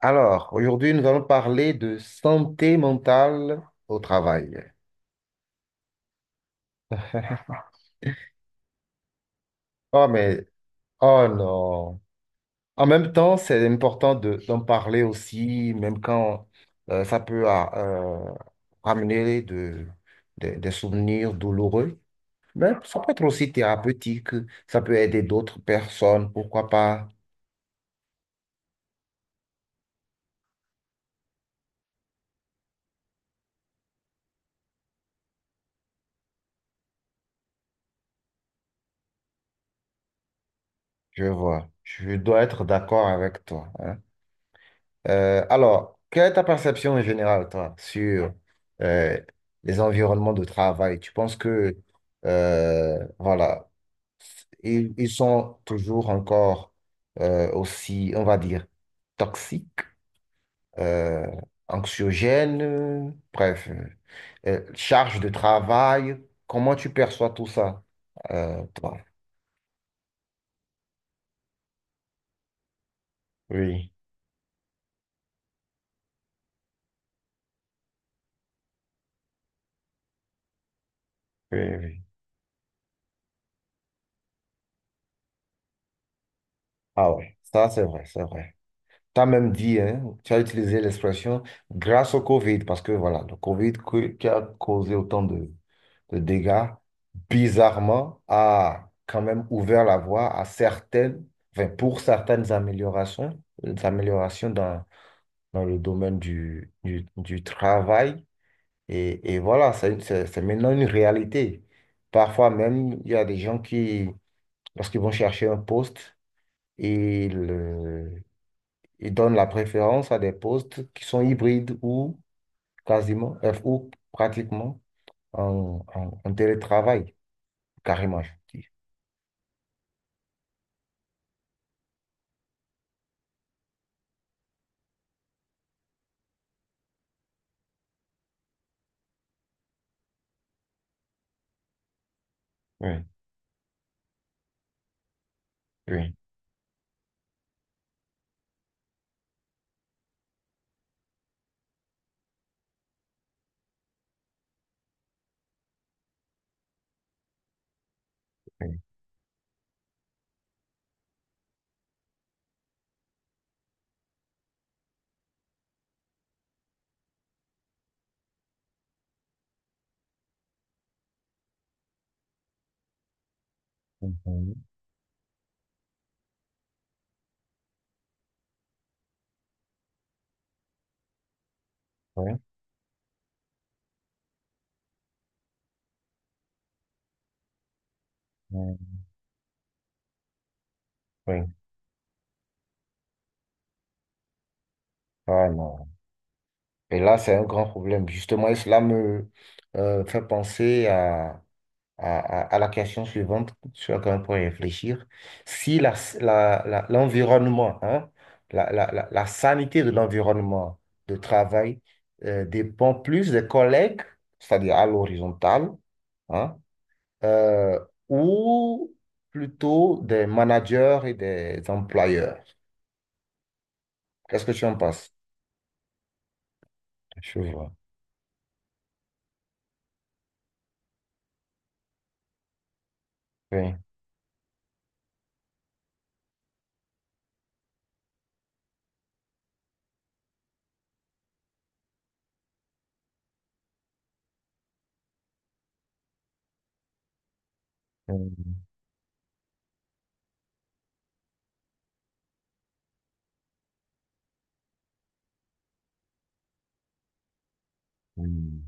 Alors, aujourd'hui, nous allons parler de santé mentale au travail. Oh, mais, oh non. En même temps, c'est important d'en parler aussi, même quand ça peut ramener des souvenirs douloureux. Mais ça peut être aussi thérapeutique, ça peut aider d'autres personnes, pourquoi pas. Je vois, je dois être d'accord avec toi, hein. Alors, quelle est ta perception en général, toi, sur euh, les environnements de travail? Tu penses que, voilà, ils sont toujours encore aussi, on va dire, toxiques, euh, anxiogènes, charge de travail. Comment tu perçois tout ça, toi? Oui, oui, oui. Ah ouais, ça c'est vrai, c'est vrai. Tu as même dit, hein, tu as utilisé l'expression grâce au Covid, parce que voilà, le qui a causé autant de dégâts, bizarrement, a quand même ouvert la voie à certaines, enfin, pour certaines améliorations, des améliorations dans le domaine du travail. Et voilà, c'est maintenant une réalité. Parfois même, il y a des gens qui, lorsqu'ils vont chercher un poste, ils ils donnent la préférence à des postes qui sont hybrides ou quasiment, ou pratiquement en télétravail, carrément, je dis. Oui, oui, oui. Mhm. Oui, oui, oui. Ah, non. Et là, c'est un grand problème. Justement, et cela me fait penser à, à la question suivante sur laquelle on pourrait réfléchir. Si l'environnement, hein, la sanité de l'environnement de travail dépend plus des collègues, c'est-à-dire à l'horizontale, hein, euh, ou plutôt des managers et des employeurs. Qu'est-ce que tu en penses? Je vois. Oui. Hum, hum.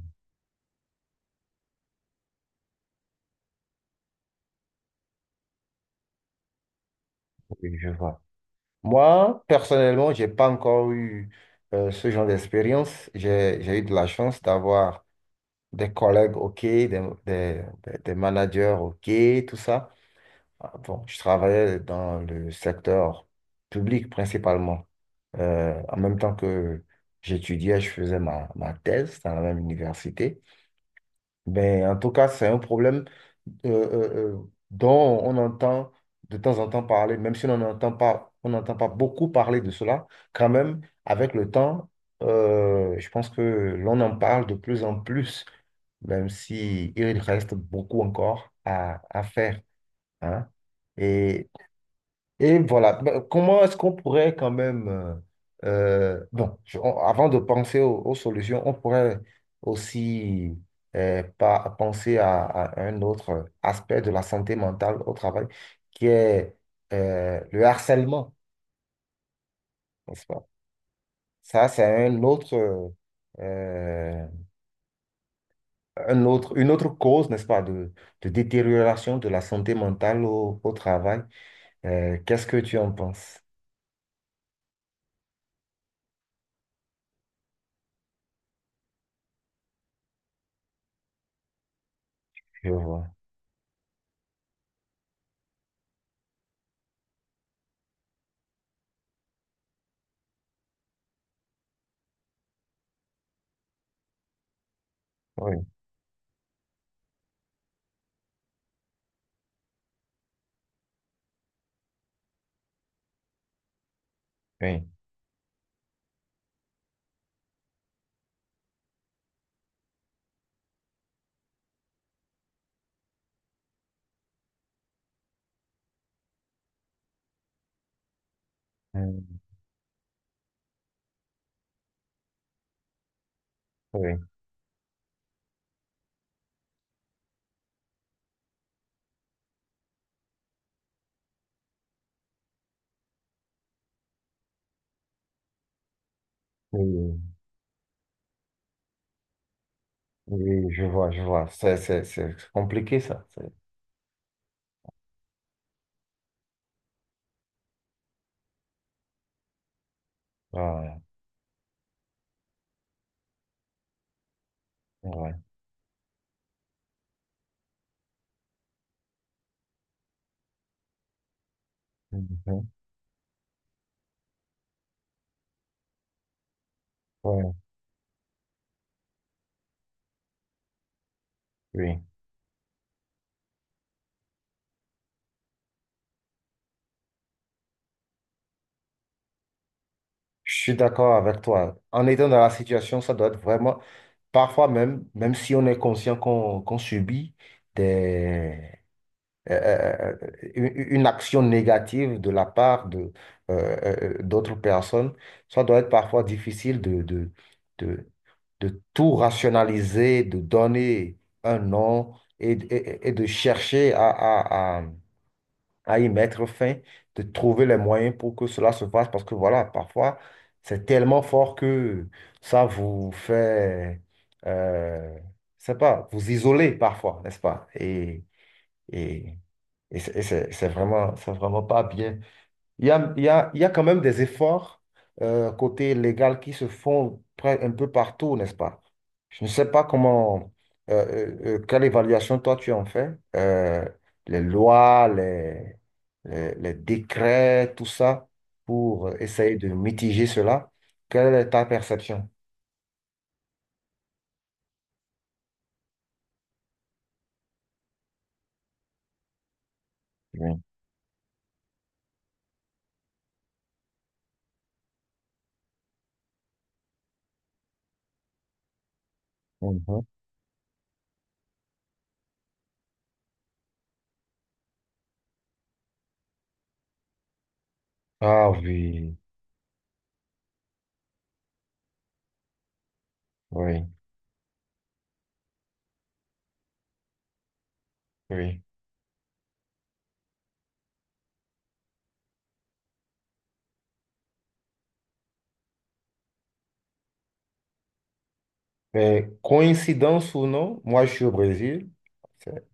Oui, je vois. Moi, personnellement, j'ai pas encore eu ce genre d'expérience. J'ai eu de la chance d'avoir des collègues OK, des managers OK, tout ça. Ah, bon, je travaillais dans le secteur public principalement. En même temps que j'étudiais, je faisais ma thèse dans la même université. Ben, en tout cas, c'est un problème dont on entend de temps en temps parler, même si on n'entend pas beaucoup parler de cela, quand même. Avec le temps, je pense que l'on en parle de plus en plus, même si il reste beaucoup encore à faire, hein. et et voilà, ben, comment est-ce qu'on pourrait quand même, bon, avant de penser aux solutions, on pourrait aussi penser à un autre aspect de la santé mentale au travail, qui est le harcèlement, n'est-ce pas? Ça, c'est euh, une autre cause, n'est-ce pas, de détérioration de la santé mentale au travail. Qu'est-ce que tu en penses? Je vois. Oui, oui. Mmh. Oui, oui, oui, je vois, je vois. C'est compliqué, ça. C'est- Ouais, ouais. Mhm. Ouais, oui. Je suis d'accord avec toi. En étant dans la situation, ça doit être vraiment, parfois même, même si on est conscient qu'on subit une action négative de la part de, d'autres personnes, ça doit être parfois difficile de, de tout rationaliser, de donner un nom et, et de chercher à y mettre fin, de trouver les moyens pour que cela se fasse, parce que voilà, parfois, c'est tellement fort que ça vous fait, euh, je sais pas, vous isoler parfois, n'est-ce pas? Et, et c'est vraiment pas bien. Il y a quand même des efforts côté légal qui se font près- un peu partout, n'est-ce pas? Je ne sais pas comment, euh, quelle évaluation toi tu en fais. Euh, les lois, les décrets, tout ça, pour essayer de mitiger cela. Quelle est ta perception? Oui. Mhm. Ah oui, oui, oui. Mais coïncidence ou non, moi je suis au Brésil. C'est-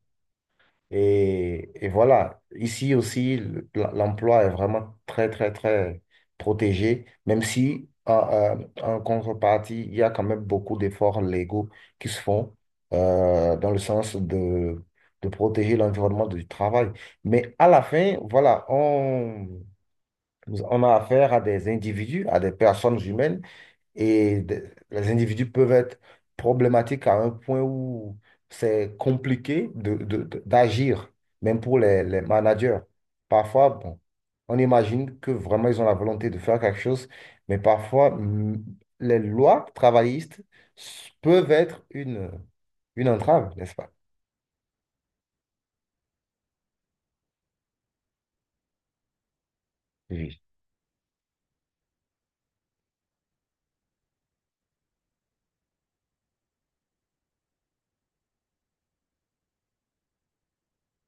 Et voilà, ici aussi, l'emploi est vraiment très, très, très protégé, même si en contrepartie, il y a quand même beaucoup d'efforts légaux qui se font dans le sens de protéger l'environnement du travail. Mais à la fin, voilà, on a affaire à des individus, à des personnes humaines et de- les individus peuvent être problématiques à un point où c'est compliqué d'agir, même pour les managers. Parfois, bon, on imagine que vraiment ils ont la volonté de faire quelque chose, mais parfois, mm, les lois travaillistes s- peuvent être une entrave, n'est-ce pas? Oui,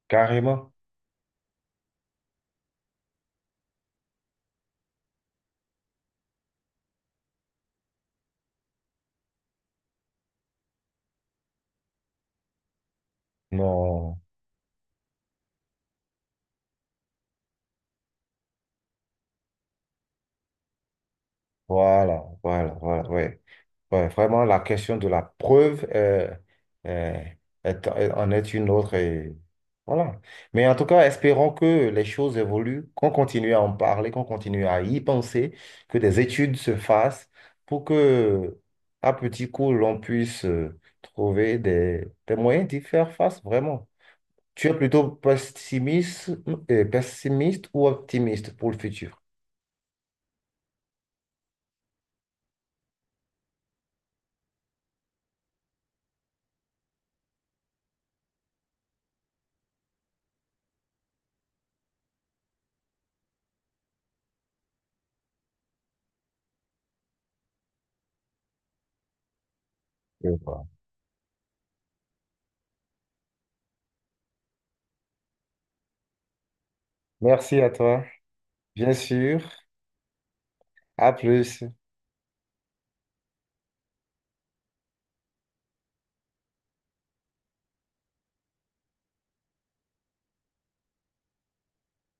carrément. Non, voilà, voilà, voilà, ouais. Ouais, vraiment, la question de la preuve euh, est- est- en est une autre. Et voilà. Mais en tout cas, espérons que les choses évoluent, qu'on continue à en parler, qu'on continue à y penser, que des études se fassent pour que, à petit coup, l'on puisse trouver des moyens d'y faire face, vraiment. Tu es plutôt pessimiste, ou optimiste pour le futur? Je vois. Merci à toi, bien sûr. À plus.